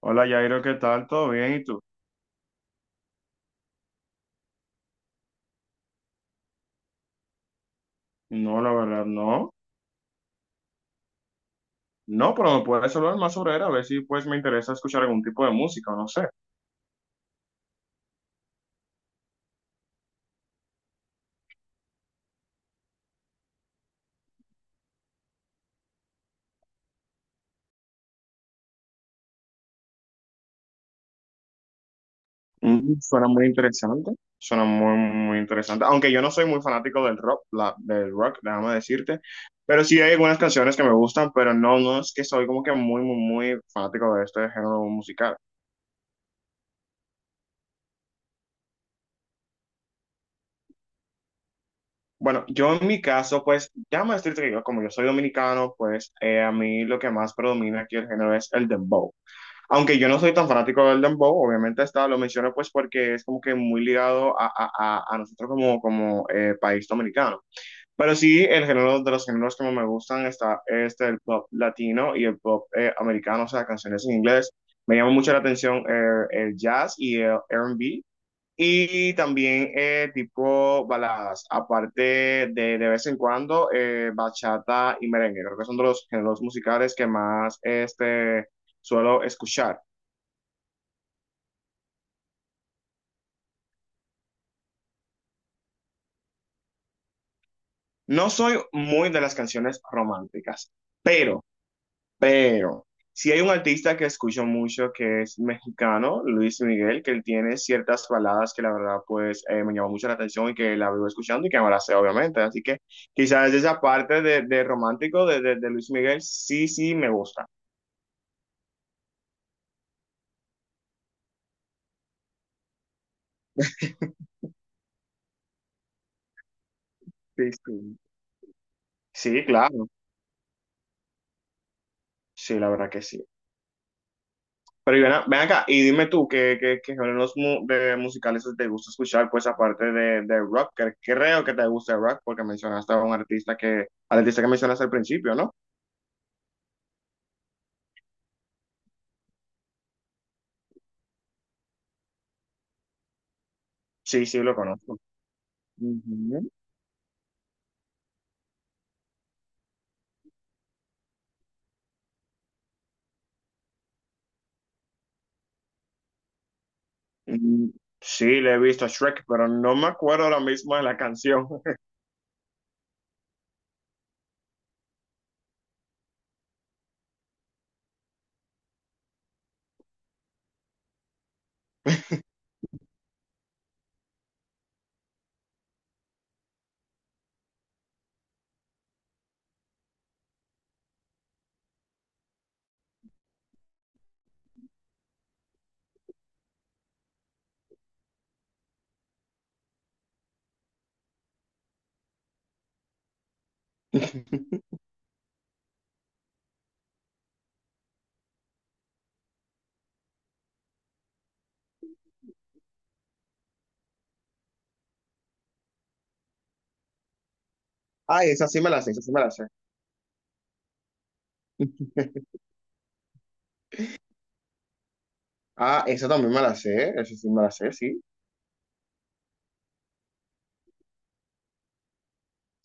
Hola Jairo, ¿qué tal? ¿Todo bien? ¿Y tú? No, la verdad, no. No, pero me puedes hablar más sobre él, a ver si pues me interesa escuchar algún tipo de música, no sé. Suena muy interesante, suena muy, muy interesante. Aunque yo no soy muy fanático del rock, del rock, déjame decirte, pero sí hay algunas canciones que me gustan, pero no, no es que soy como que muy, muy, muy fanático de este género musical. Bueno, yo en mi caso, pues, déjame decirte que yo, como yo soy dominicano, pues a mí lo que más predomina aquí el género es el dembow. Aunque yo no soy tan fanático del dembow, obviamente está, lo menciono pues porque es como que muy ligado a nosotros como, como país dominicano. Pero sí, el género de los géneros que más me gustan está este, el pop latino y el pop americano, o sea, canciones en inglés. Me llama mucho la atención el jazz y el R&B. Y también tipo baladas, aparte de vez en cuando bachata y merengue. Creo que son de los géneros musicales que más este, suelo escuchar. No soy muy de las canciones románticas, pero, pero, si hay un artista que escucho mucho que es mexicano, Luis Miguel, que él tiene ciertas baladas que la verdad pues me llamó mucho la atención y que la vivo escuchando y que me la sé obviamente. Así que quizás esa parte de romántico de Luis Miguel sí, sí me gusta. Sí, sí. Sí, claro. Sí, la verdad que sí. Pero y ven, ven acá y dime tú qué, qué, qué géneros de musicales te gusta escuchar, pues aparte de rock, que creo que te gusta el rock porque mencionaste a un artista que, al artista que mencionaste al principio, ¿no? Sí, sí, lo conozco. Ujú. Mm, Sí, le he visto a Shrek, pero no me acuerdo ahora mismo de la canción. Ah, esa sí me la sé, esa sí me la sé. Ah, esa también me la sé, esa sí me la sé, sí.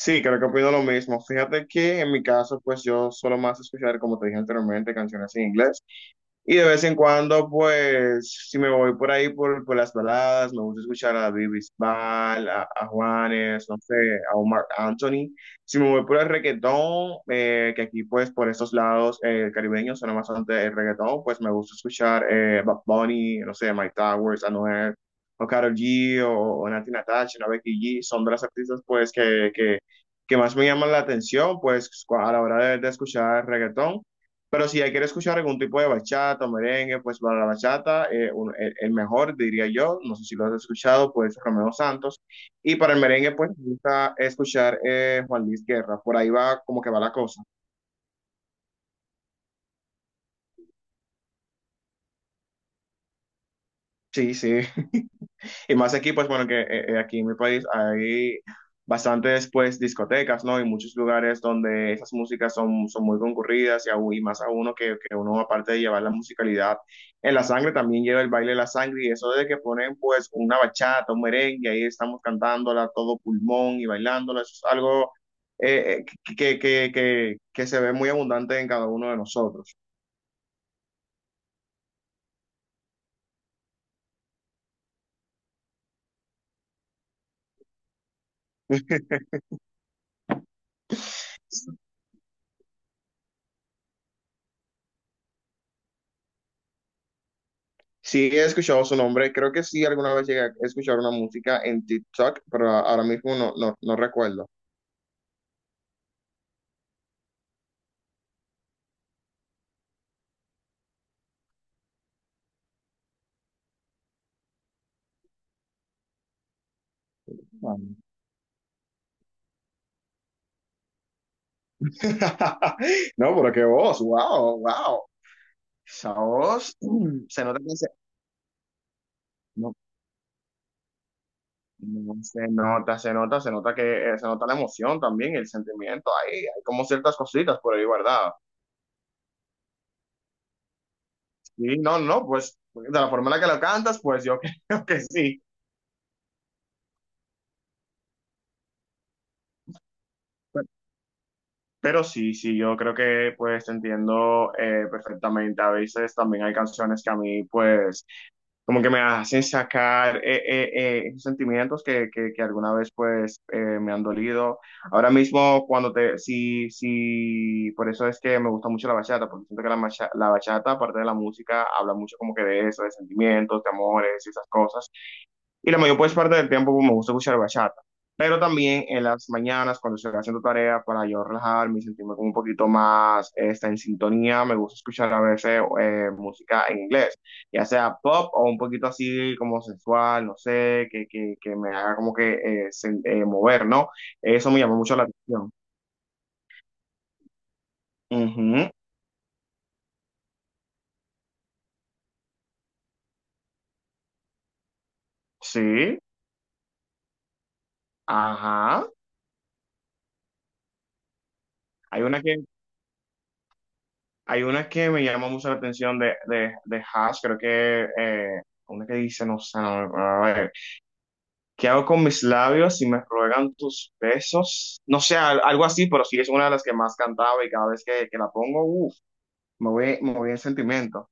Sí, creo que opino lo mismo. Fíjate que en mi caso, pues yo solo más escuchar, como te dije anteriormente, canciones en inglés. Y de vez en cuando, pues, si me voy por ahí por las baladas, me gusta escuchar a David Bisbal, a Juanes, no sé, a Omar Anthony. Si me voy por el reggaetón, que aquí, pues, por estos lados caribeños suena bastante el reggaetón, pues me gusta escuchar Bad Bunny, no sé, Mike Towers, Anuel, o Karol G, o Nati Natasha, o Becky G. Son de las artistas, pues, que más me llaman la atención, pues, a la hora de escuchar reggaetón. Pero si ya quiere escuchar algún tipo de bachata o merengue, pues para la bachata, el mejor diría yo, no sé si lo has escuchado, pues Romeo Santos. Y para el merengue, pues me gusta escuchar Juan Luis Guerra. Por ahí va como que va la cosa. Sí, sí. Y más aquí, pues bueno, que aquí en mi país hay bastantes pues discotecas, ¿no? Y muchos lugares donde esas músicas son, son muy concurridas y más a uno que uno aparte de llevar la musicalidad en la sangre, también lleva el baile en la sangre y eso de que ponen pues una bachata, un merengue, ahí estamos cantándola a todo pulmón y bailándola, eso es algo que se ve muy abundante en cada uno de nosotros. Sí, he escuchado su nombre. Creo que sí, alguna vez llegué a escuchar una música en TikTok, pero ahora mismo no, no, no recuerdo. Vale. No, pero qué voz, wow, wow. Esa voz, se nota que se, no, no, se nota, se nota, se nota que se nota la emoción también, el sentimiento ahí, hay como ciertas cositas por ahí, ¿verdad? Sí, no, no, pues de la forma en la que lo cantas, pues yo creo que sí. Pero sí, sí, yo creo que pues te entiendo perfectamente. A veces también hay canciones que a mí pues como que me hacen sacar esos sentimientos que alguna vez pues me han dolido. Ahora mismo cuando te, sí, sí, por eso es que me gusta mucho la bachata, porque siento que la bachata, aparte de la música, habla mucho como que de eso, de sentimientos, de amores y esas cosas. Y la mayor pues, parte del tiempo pues, me gusta escuchar bachata. Pero también en las mañanas, cuando estoy haciendo tarea, para yo relajarme y sentirme como un poquito más esta, en sintonía, me gusta escuchar a veces música en inglés, ya sea pop o un poquito así como sensual, no sé, que me haga como que mover, ¿no? Eso me llama mucho la atención. Ujú, sí, ajá. Hay una que, hay una que me llama mucho la atención de Hash, creo que una que dice, no sé, no, ¿qué hago con mis labios si me ruegan tus besos? No sé, algo así, pero sí es una de las que más cantaba y cada vez que la pongo, uff, me voy en sentimiento.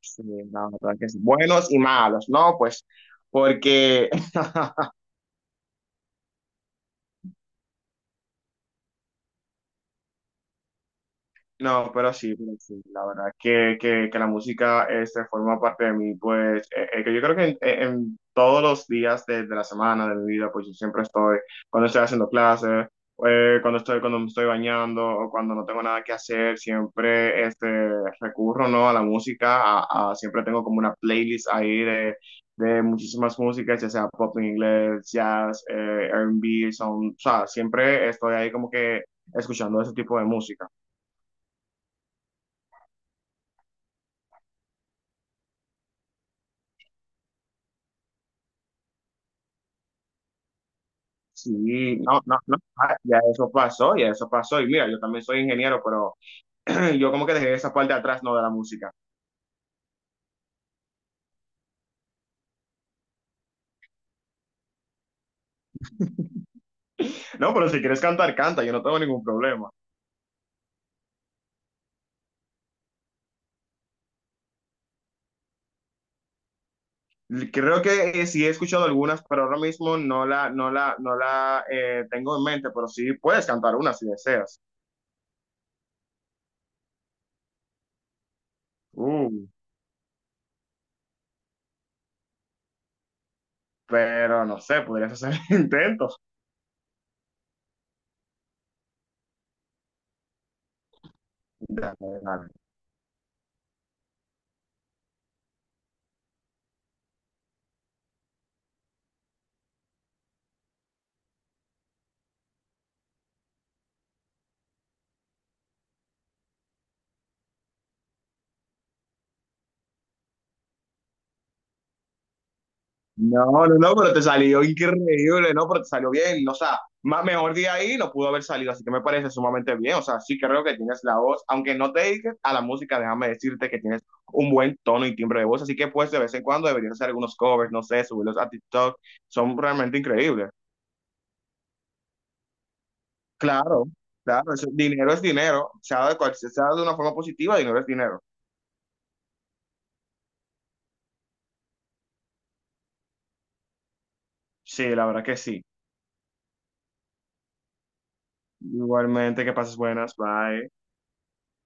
Sí, la verdad que sí. Buenos y malos, ¿no? Pues porque no, pero sí, la verdad que la música este, forma parte de mí, pues que yo creo que en todos los días de la semana, de mi vida, pues yo siempre estoy, cuando estoy haciendo clases, cuando estoy, cuando me estoy bañando o cuando no tengo nada que hacer, siempre este, recurro, ¿no? A la música, siempre tengo como una playlist ahí de muchísimas músicas, ya sea pop en inglés, jazz, R&B, son, o sea, siempre estoy ahí como que escuchando ese tipo de música. Sí, no, no, no, ah, ya eso pasó, ya eso pasó. Y mira, yo también soy ingeniero, pero yo como que dejé esa parte de atrás, no de la música. No, pero si quieres cantar, canta, yo no tengo ningún problema. Creo que sí he escuchado algunas, pero ahora mismo no la tengo en mente, pero sí puedes cantar una si deseas. Uh, pero no sé, podrías hacer intentos. No, no, no, pero te salió increíble, no, pero te salió bien, o sea, más mejor de ahí no pudo haber salido, así que me parece sumamente bien, o sea, sí creo que tienes la voz, aunque no te dediques a la música, déjame decirte que tienes un buen tono y timbre de voz, así que pues de vez en cuando deberías hacer algunos covers, no sé, subirlos a TikTok, son realmente increíbles. Claro, claro, eso- dinero es dinero, sea de cual, sea de una forma positiva, dinero es dinero. Sí, la verdad que sí. Igualmente, que pases buenas, bye.